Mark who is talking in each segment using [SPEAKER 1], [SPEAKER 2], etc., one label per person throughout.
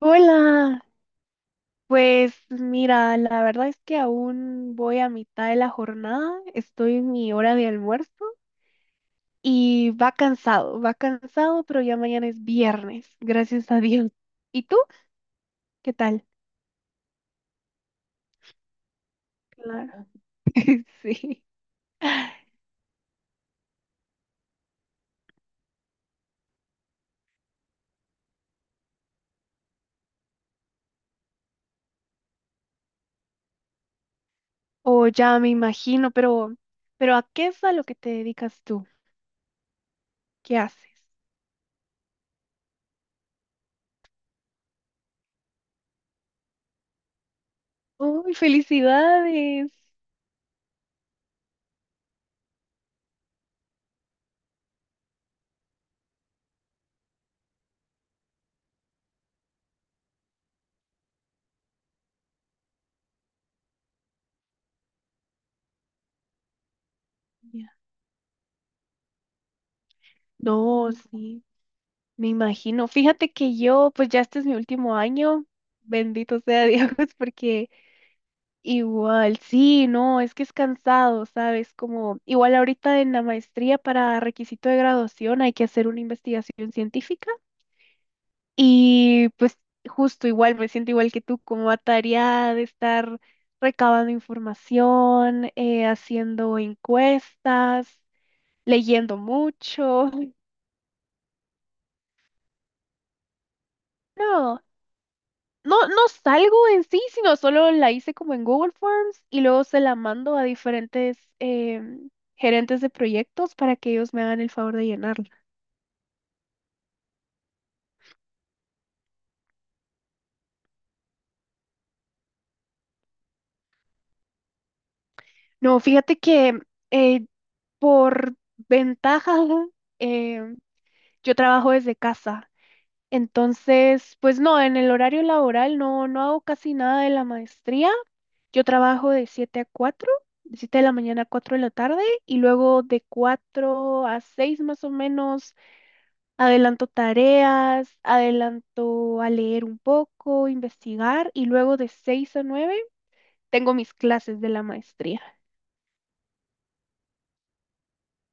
[SPEAKER 1] Hola, pues mira, la verdad es que aún voy a mitad de la jornada, estoy en mi hora de almuerzo y va cansado, pero ya mañana es viernes, gracias a Dios. ¿Y tú? ¿Qué tal? Claro. Sí. O ya me imagino, pero ¿a qué es a lo que te dedicas tú? ¿Qué haces? ¡Uy, felicidades! Ya. No, sí. Me imagino. Fíjate que yo, pues ya este es mi último año, bendito sea Dios, porque igual, sí, no, es que es cansado, ¿sabes? Como igual ahorita en la maestría para requisito de graduación hay que hacer una investigación científica y pues justo igual, me siento igual que tú, como atareada de estar recabando información, haciendo encuestas, leyendo mucho. No. No, no salgo en sí, sino solo la hice como en Google Forms y luego se la mando a diferentes gerentes de proyectos para que ellos me hagan el favor de llenarla. No, fíjate que eh, por ventaja em, yo trabajo desde casa. Entonces, pues no, en el horario laboral no, no hago casi nada de la maestría. Yo trabajo de 7 a 4, de 7 de la mañana a 4 de la tarde, y luego de 4 a 6 más o menos adelanto tareas, adelanto a leer un poco, investigar y luego de 6 a 9 tengo mis clases de la maestría.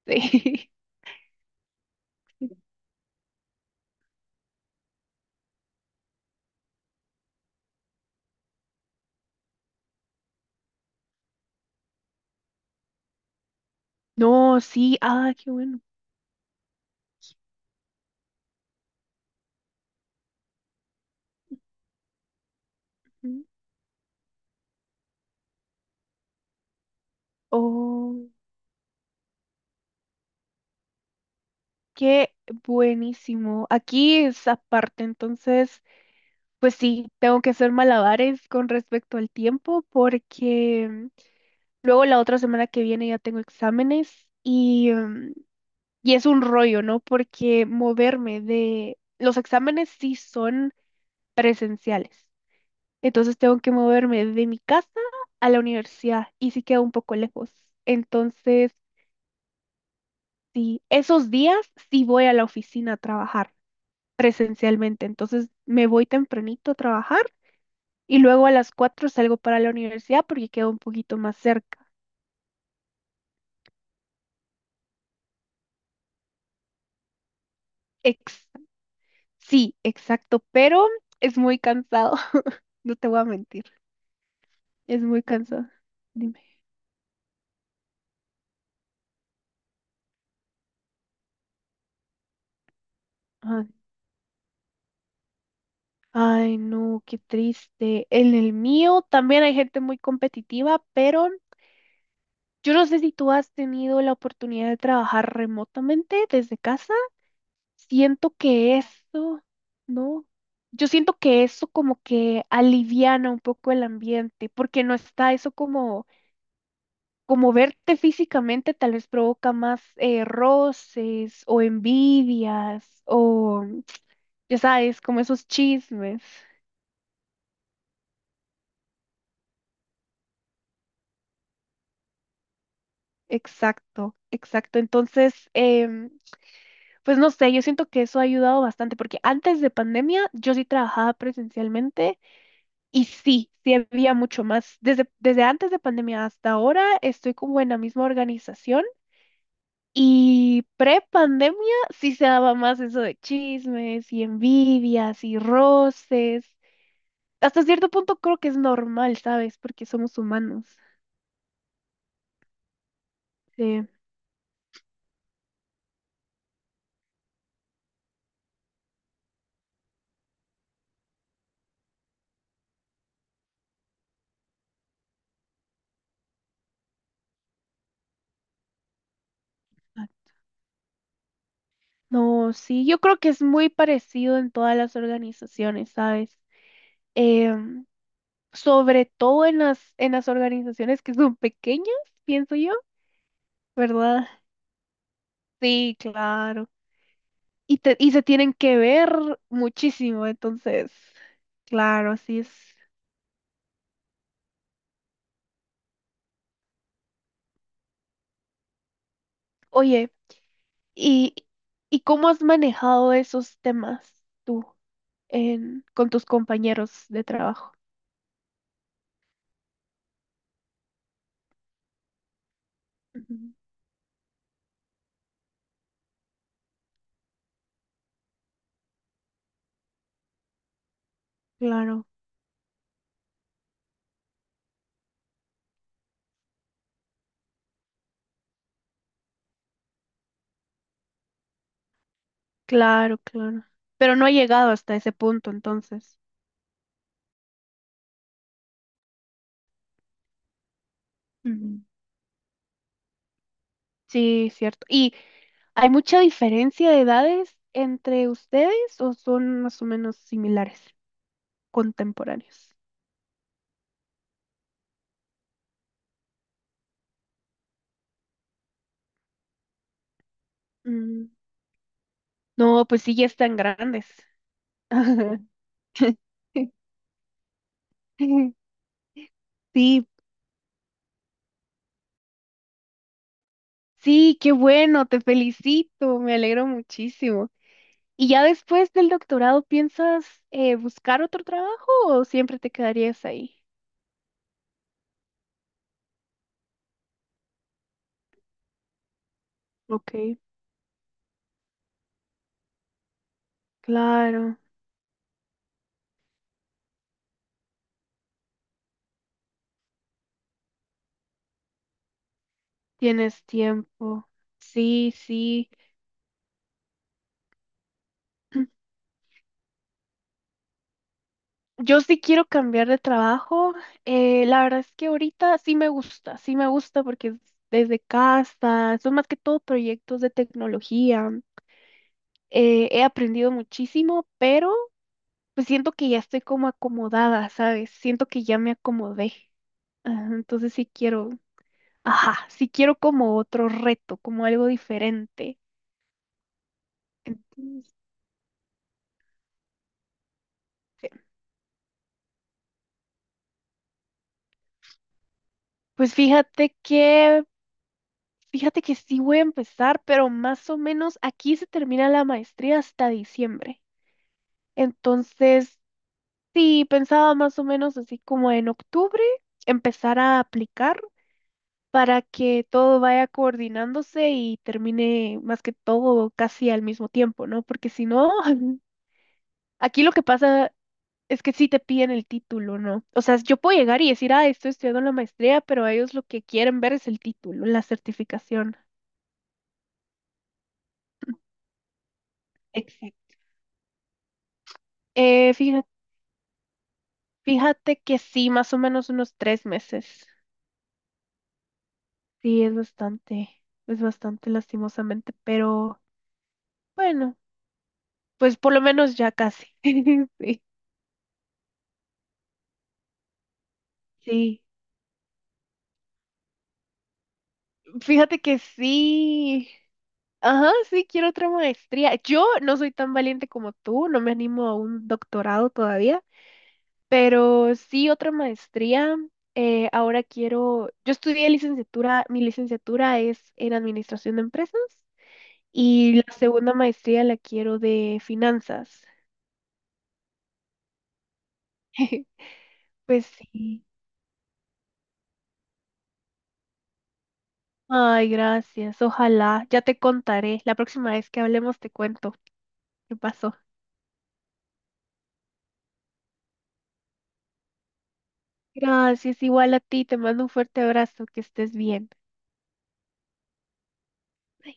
[SPEAKER 1] Sí. No, sí, ah, qué bueno. Ujú. Oh, qué buenísimo. Aquí es aparte, entonces, pues sí, tengo que hacer malabares con respecto al tiempo porque luego la otra semana que viene ya tengo exámenes. Y es un rollo, ¿no? Los exámenes sí son presenciales. Entonces tengo que moverme de mi casa a la universidad y sí queda un poco lejos. Entonces, sí, esos días sí voy a la oficina a trabajar presencialmente. Entonces me voy tempranito a trabajar y luego a las 4 salgo para la universidad porque queda un poquito más cerca. Ex- sí, exacto, pero es muy cansado. No te voy a mentir, es muy cansado. Dime. Ay, no, qué triste. En el mío también hay gente muy competitiva, pero yo no sé si tú has tenido la oportunidad de trabajar remotamente desde casa. Siento que eso, ¿no? Yo siento que eso como que aliviana un poco el ambiente, porque no está eso como, como verte físicamente tal vez provoca más roces o envidias o, ya sabes, como esos chismes. Exacto, exacto. Entonces, pues no sé, yo siento que eso ha ayudado bastante porque antes de pandemia yo sí trabajaba presencialmente y sí, sí había mucho más. Desde antes de pandemia hasta ahora estoy como en la misma organización, y pre-pandemia sí se daba más eso de chismes y envidias y roces. Hasta cierto punto creo que es normal, ¿sabes? Porque somos humanos. Sí. No, sí, yo creo que es muy parecido en todas las organizaciones, ¿sabes? Em, sobre todo en las organizaciones que son pequeñas, pienso yo, ¿verdad? Sí, claro. Y, y se tienen que ver muchísimo, entonces, claro, así es. Oye, ¿y, y cómo has manejado esos temas tú con tus compañeros de trabajo? Ujú. Claro, claro, claro. Pero no ha llegado hasta ese punto, entonces. Ujú. Sí, cierto. ¿Y hay mucha diferencia de edades entre ustedes o son más o menos similares, contemporáneos? Mm, No, pues sí, ya están grandes. Ajá. Sí, sí, qué bueno, te felicito, me alegro muchísimo. ¿Y ya después del doctorado piensas buscar otro trabajo o siempre te quedarías ahí? Ok, claro, tienes tiempo. Sí, sí. Yo sí quiero cambiar de trabajo. La verdad es que ahorita sí me gusta porque es desde casa, son más que todo proyectos de tecnología. He aprendido muchísimo, pero pues siento que ya estoy como acomodada, ¿sabes? Siento que ya me acomodé. Ah, entonces sí quiero, ajá, sí quiero como otro reto, como algo diferente. Entonces, pues fíjate que Fíjate que sí voy a empezar, pero más o menos aquí se termina la maestría hasta diciembre. Entonces, sí, pensaba más o menos así como en octubre empezar a aplicar para que todo vaya coordinándose y termine más que todo casi al mismo tiempo, ¿no? Porque si no, aquí lo que pasa es que sí te piden el título, ¿no? O sea, yo puedo llegar y decir, ah, estoy estudiando la maestría, pero ellos lo que quieren ver es el título, la certificación. Exacto. Eh, fíjate Fíjate que sí, más o menos unos 3 meses. Sí, es bastante lastimosamente, pero bueno, pues por lo menos ya casi. Sí, sí. Fíjate que sí. Ajá, sí, quiero otra maestría. Yo no soy tan valiente como tú, no me animo a un doctorado todavía, pero sí otra maestría. Ahora quiero, yo estudié licenciatura, mi licenciatura es en administración de empresas. Y la segunda maestría la quiero de finanzas. Pues sí. Ay, gracias. Ojalá. Ya te contaré. La próxima vez que hablemos te cuento qué pasó. Gracias. Igual a ti. Te mando un fuerte abrazo. Que estés bien. Bye.